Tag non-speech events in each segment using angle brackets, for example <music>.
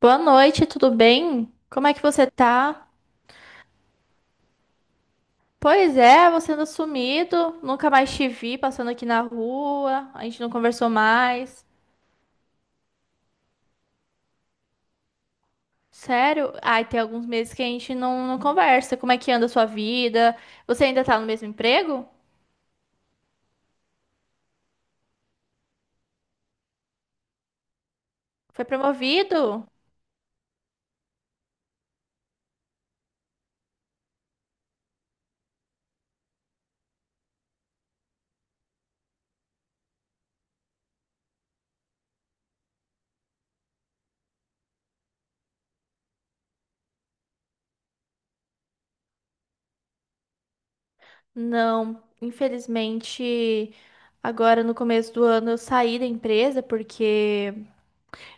Boa noite, tudo bem? Como é que você tá? Pois é, você anda sumido, nunca mais te vi passando aqui na rua, a gente não conversou mais. Sério? Ai, tem alguns meses que a gente não conversa. Como é que anda a sua vida? Você ainda tá no mesmo emprego? Foi promovido? Não, infelizmente, agora no começo do ano eu saí da empresa porque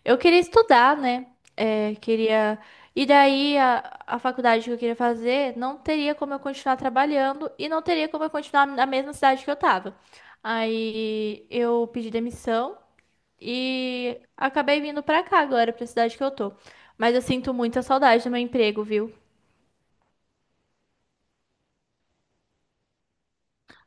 eu queria estudar, né? É, queria. E daí a faculdade que eu queria fazer não teria como eu continuar trabalhando e não teria como eu continuar na mesma cidade que eu tava. Aí eu pedi demissão e acabei vindo pra cá agora, pra cidade que eu tô. Mas eu sinto muita saudade do meu emprego, viu?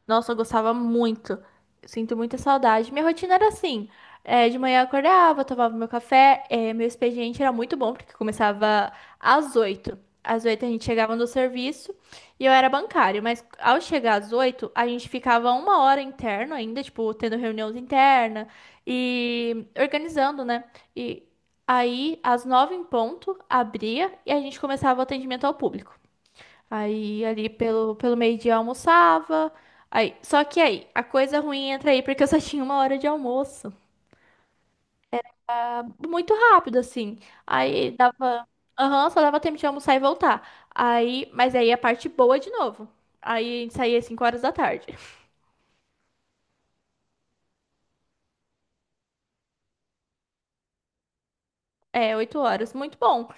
Nossa, eu gostava muito. Eu sinto muita saudade. Minha rotina era assim: é, de manhã eu acordava, tomava meu café. É, meu expediente era muito bom, porque começava às 8. Às 8 a gente chegava no serviço e eu era bancário, mas ao chegar às 8 a gente ficava 1 hora interno ainda, tipo, tendo reuniões interna e organizando, né? E aí, às 9 em ponto, abria e a gente começava o atendimento ao público. Aí ali pelo meio-dia eu almoçava. Aí, só que aí, a coisa ruim entra aí porque eu só <laughs> tinha 1 hora de almoço. Muito rápido, assim. Aí dava. Aham, só dava tempo de almoçar e voltar. Aí, mas aí a parte boa de novo. Aí a gente saía às 5 horas da tarde. É, 8 horas, muito bom.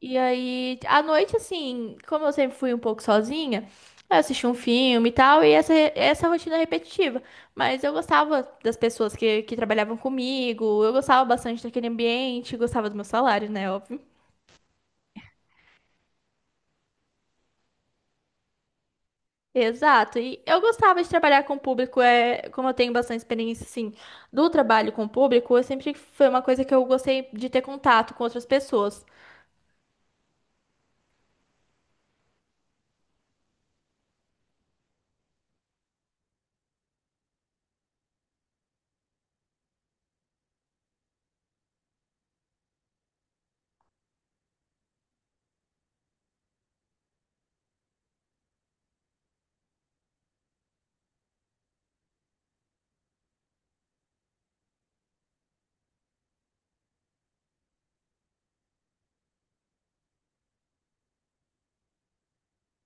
E aí, à noite, assim, como eu sempre fui um pouco sozinha, eu assisti um filme e tal, e essa rotina é repetitiva. Mas eu gostava das pessoas que trabalhavam comigo, eu gostava bastante daquele ambiente, gostava do meu salário, né, óbvio. Exato, e eu gostava de trabalhar com o público, é, como eu tenho bastante experiência, assim, do trabalho com o público, eu sempre foi uma coisa que eu gostei de ter contato com outras pessoas.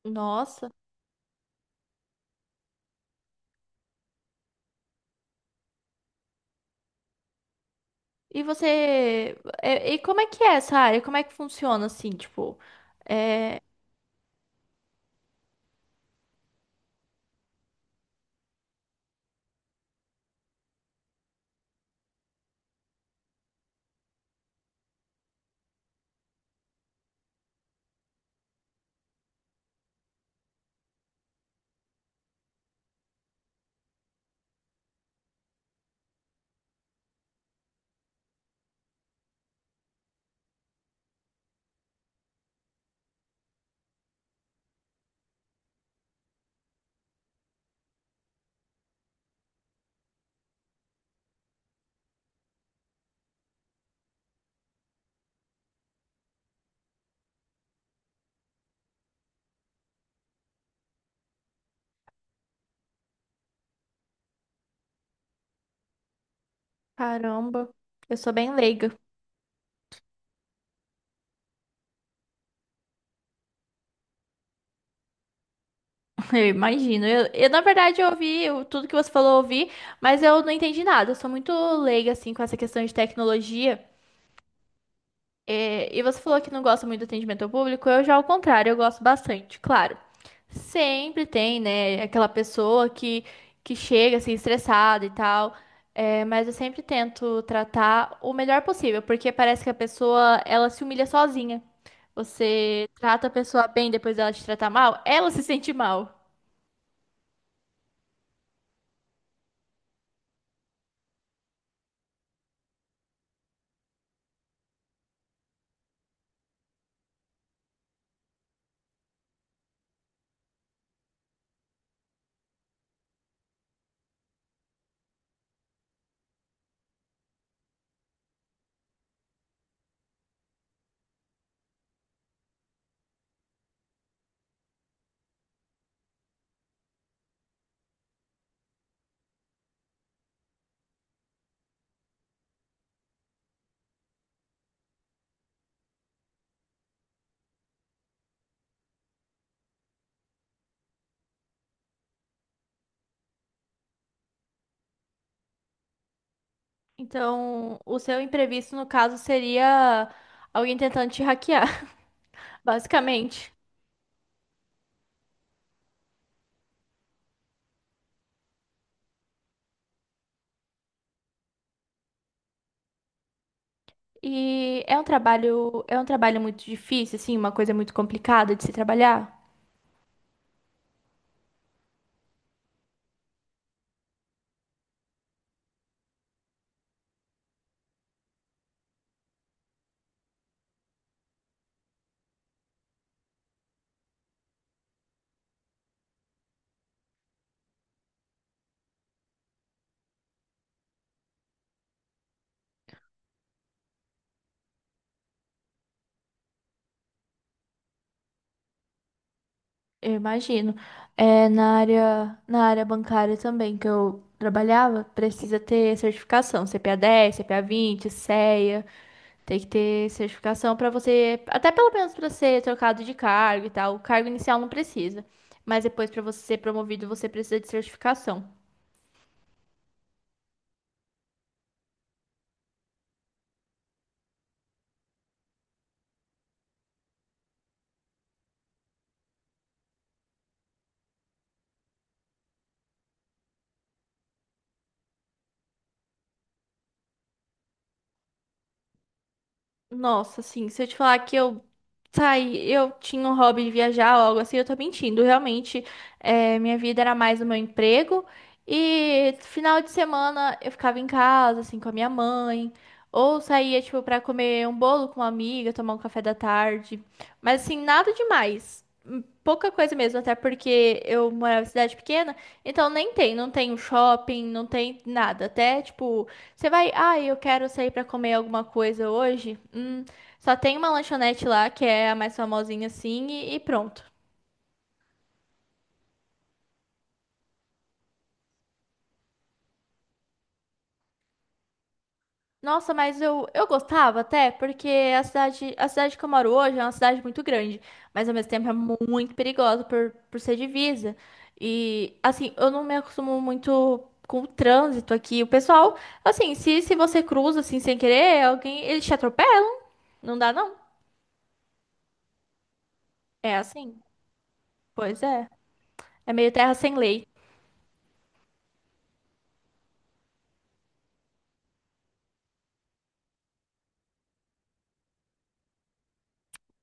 Nossa. E você. E como é que é essa área? Como é que funciona assim? Tipo, é. Caramba, eu sou bem leiga, <laughs> eu imagino. Eu, na verdade, eu ouvi tudo que você falou, eu ouvi, mas eu não entendi nada. Eu sou muito leiga, assim, com essa questão de tecnologia. É, e você falou que não gosta muito do atendimento ao público, eu já ao contrário, eu gosto bastante, claro. Sempre tem, né, aquela pessoa que chega assim estressada e tal, é, mas eu sempre tento tratar o melhor possível, porque parece que a pessoa, ela se humilha sozinha. Você trata a pessoa bem, depois dela te tratar mal, ela se sente mal. Então, o seu imprevisto, no caso, seria alguém tentando te hackear, <laughs> basicamente. E é um trabalho muito difícil, assim, uma coisa muito complicada de se trabalhar. Eu imagino. É na área bancária também que eu trabalhava, precisa ter certificação, CPA 10, CPA 20, CEA, tem que ter certificação para você, até pelo menos para ser trocado de cargo e tal. O cargo inicial não precisa, mas depois para você ser promovido, você precisa de certificação. Nossa, assim, se eu te falar que eu saí, eu tinha um hobby de viajar ou algo assim, eu tô mentindo. Realmente, é, minha vida era mais o meu emprego. E final de semana eu ficava em casa, assim, com a minha mãe. Ou saía, tipo, pra comer um bolo com uma amiga, tomar um café da tarde. Mas, assim, nada demais. Pouca coisa mesmo, até porque eu morava em cidade pequena. Então, nem tem, não tem um shopping, não tem nada. Até, tipo. Você vai, ah, eu quero sair pra comer alguma coisa hoje. Só tem uma lanchonete lá que é a mais famosinha assim e pronto. Nossa, mas eu gostava até, porque a cidade que eu moro hoje é uma cidade muito grande, mas ao mesmo tempo é muito perigosa por ser divisa. E assim, eu não me acostumo muito com o trânsito aqui. O pessoal, assim, se você cruza assim sem querer, alguém, eles te atropelam. Não dá não. É assim. Pois é. É meio terra sem lei.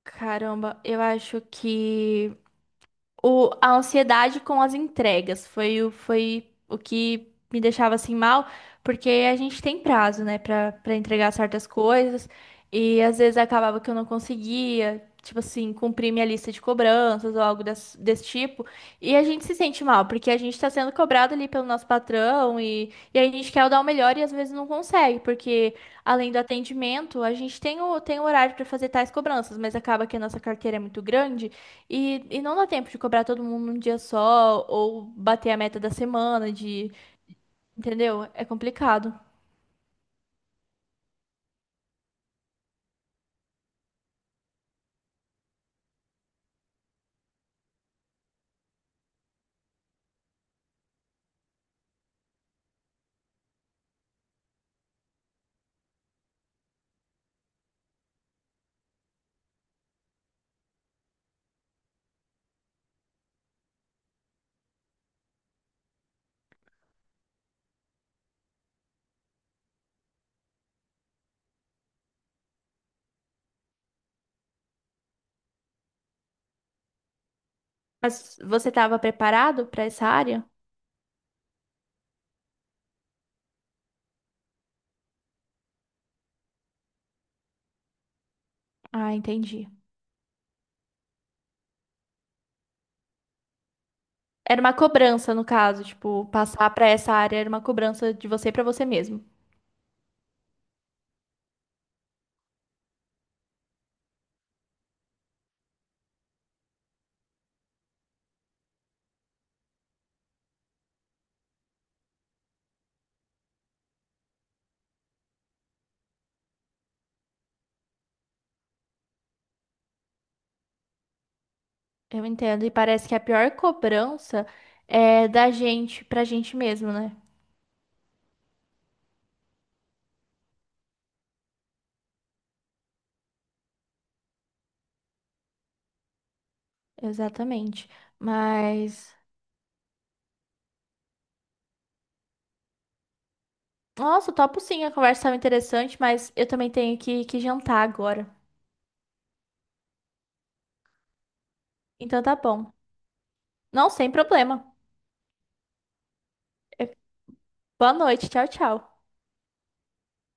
Caramba, eu acho que a ansiedade com as entregas foi o que me deixava assim mal, porque a gente tem prazo, né, pra entregar certas coisas, e às vezes acabava que eu não conseguia, tipo assim, cumprir minha lista de cobranças ou algo desse tipo, e, a gente se sente mal, porque a gente tá sendo cobrado ali pelo nosso patrão, e a gente quer dar o melhor e às vezes não consegue, porque além do atendimento, a gente tem o horário para fazer tais cobranças, mas acaba que a nossa carteira é muito grande. E não dá tempo de cobrar todo mundo num dia só, ou bater a meta da semana, de, entendeu? É complicado. Mas você estava preparado para essa área? Ah, entendi. Era uma cobrança, no caso, tipo, passar para essa área era uma cobrança de você para você mesmo. Eu entendo. E parece que a pior cobrança é da gente pra gente mesmo, né? Exatamente. Mas. Nossa, topo sim, a conversa estava interessante, mas eu também tenho que jantar agora. Então tá bom. Não, sem problema. É, boa noite, tchau, tchau.